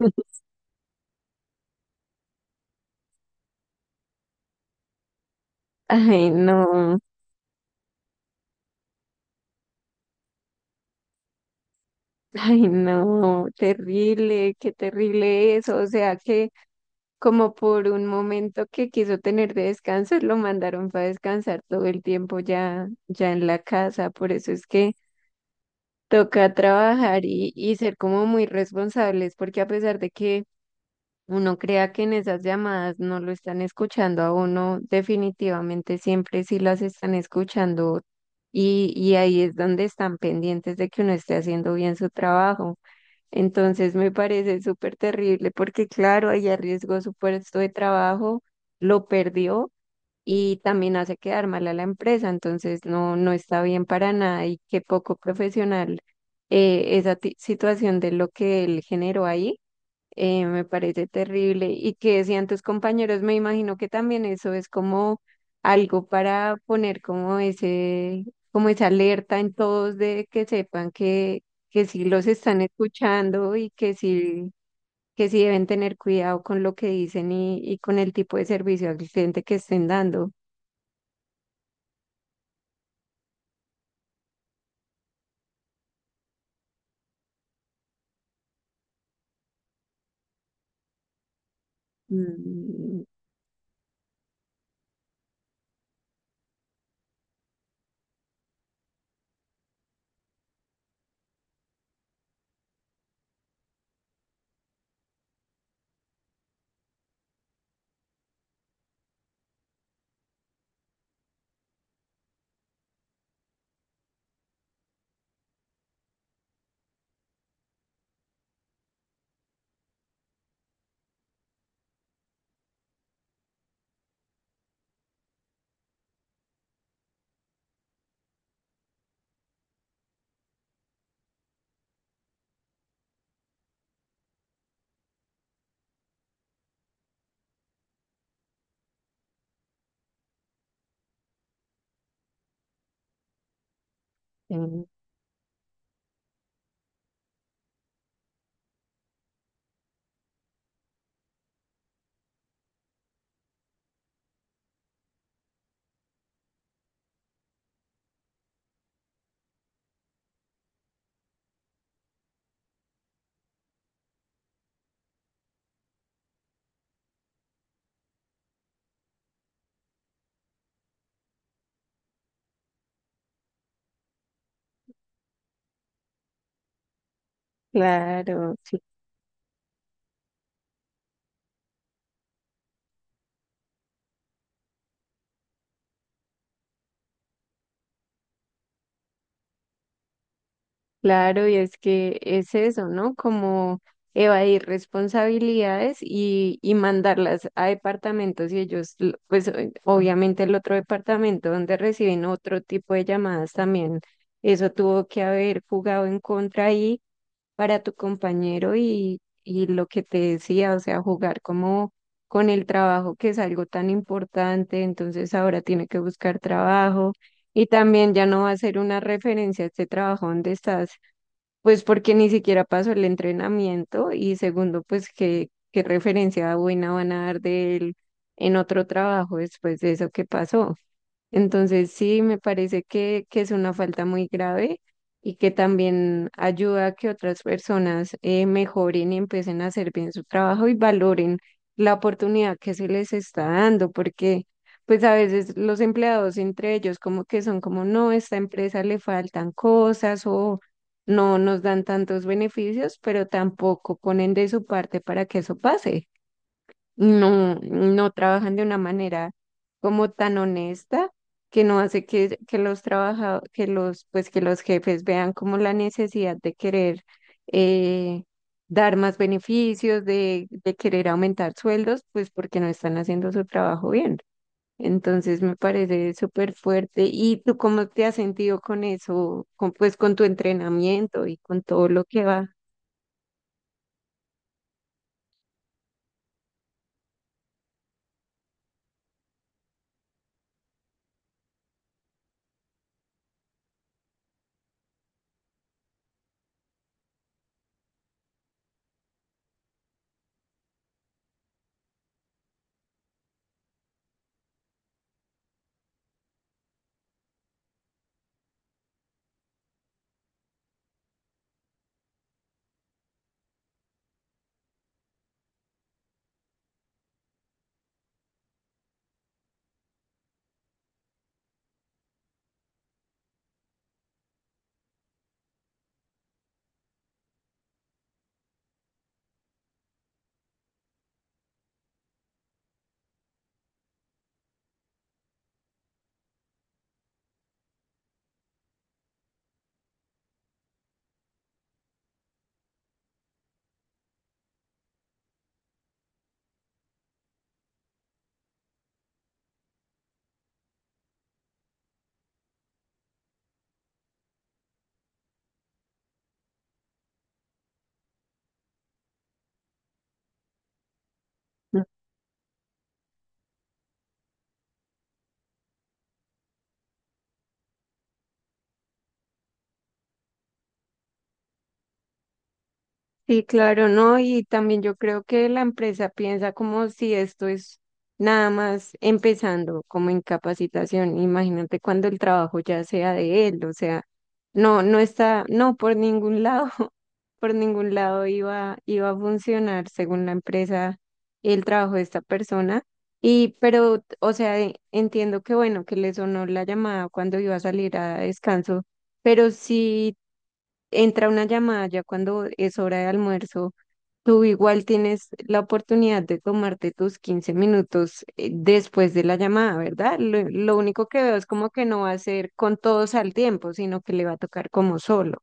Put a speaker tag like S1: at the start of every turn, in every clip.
S1: Ay, no, ay, no, terrible, qué terrible eso. O sea que como por un momento que quiso tener de descanso, lo mandaron para descansar todo el tiempo ya, ya en la casa. Por eso es que toca trabajar y ser como muy responsables, porque a pesar de que uno crea que en esas llamadas no lo están escuchando a uno, definitivamente siempre sí las están escuchando y ahí es donde están pendientes de que uno esté haciendo bien su trabajo. Entonces me parece súper terrible porque claro, ahí arriesgó su puesto de trabajo, lo perdió y también hace quedar mal a la empresa, entonces no, no está bien para nada y qué poco profesional esa situación de lo que él generó ahí me parece terrible. Y que decían tus compañeros, me imagino que también eso es como algo para poner como ese, como esa alerta en todos de que sepan que sí los están escuchando y que sí deben tener cuidado con lo que dicen y con el tipo de servicio al cliente que estén dando. Mm. Mm. Claro. Claro, y es que es eso, ¿no? Como evadir responsabilidades y mandarlas a departamentos y ellos, pues obviamente el otro departamento donde reciben otro tipo de llamadas también, eso tuvo que haber jugado en contra ahí para tu compañero y lo que te decía, o sea, jugar como con el trabajo que es algo tan importante, entonces ahora tiene que buscar trabajo y también ya no va a ser una referencia a este trabajo donde estás, pues porque ni siquiera pasó el entrenamiento. Y segundo, pues qué referencia buena van a dar de él en otro trabajo después de eso que pasó. Entonces, sí, me parece que es una falta muy grave y que también ayuda a que otras personas mejoren y empiecen a hacer bien su trabajo y valoren la oportunidad que se les está dando, porque pues a veces los empleados entre ellos como que son como, no, esta empresa le faltan cosas o no nos dan tantos beneficios, pero tampoco ponen de su parte para que eso pase. No, no trabajan de una manera como tan honesta que no hace que los trabaja, que los, pues que los jefes vean como la necesidad de querer eh, dar más beneficios, de querer aumentar sueldos, pues porque no están haciendo su trabajo bien. Entonces me parece súper fuerte. ¿Y tú cómo te has sentido con eso, pues con tu entrenamiento y con todo lo que va? Sí, claro, ¿no? Y también yo creo que la empresa piensa como si esto es nada más empezando, como en capacitación. Imagínate cuando el trabajo ya sea de él, o sea, no, no está, no, por ningún lado, por ningún lado iba a funcionar, según la empresa, el trabajo de esta persona. Pero, o sea, entiendo que bueno, que le sonó la llamada cuando iba a salir a descanso, pero sí entra una llamada ya cuando es hora de almuerzo, tú igual tienes la oportunidad de tomarte tus 15 minutos después de la llamada, ¿verdad? Lo único que veo es como que no va a ser con todos al tiempo, sino que le va a tocar como solo.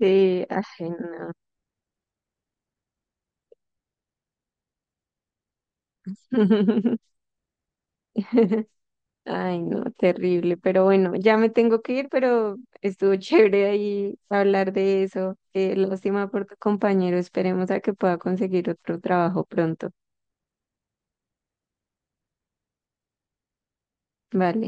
S1: Sí, ay, no. Ay, no, terrible. Pero bueno, ya me tengo que ir, pero estuvo chévere ahí hablar de eso. Lástima por tu compañero. Esperemos a que pueda conseguir otro trabajo pronto. Vale.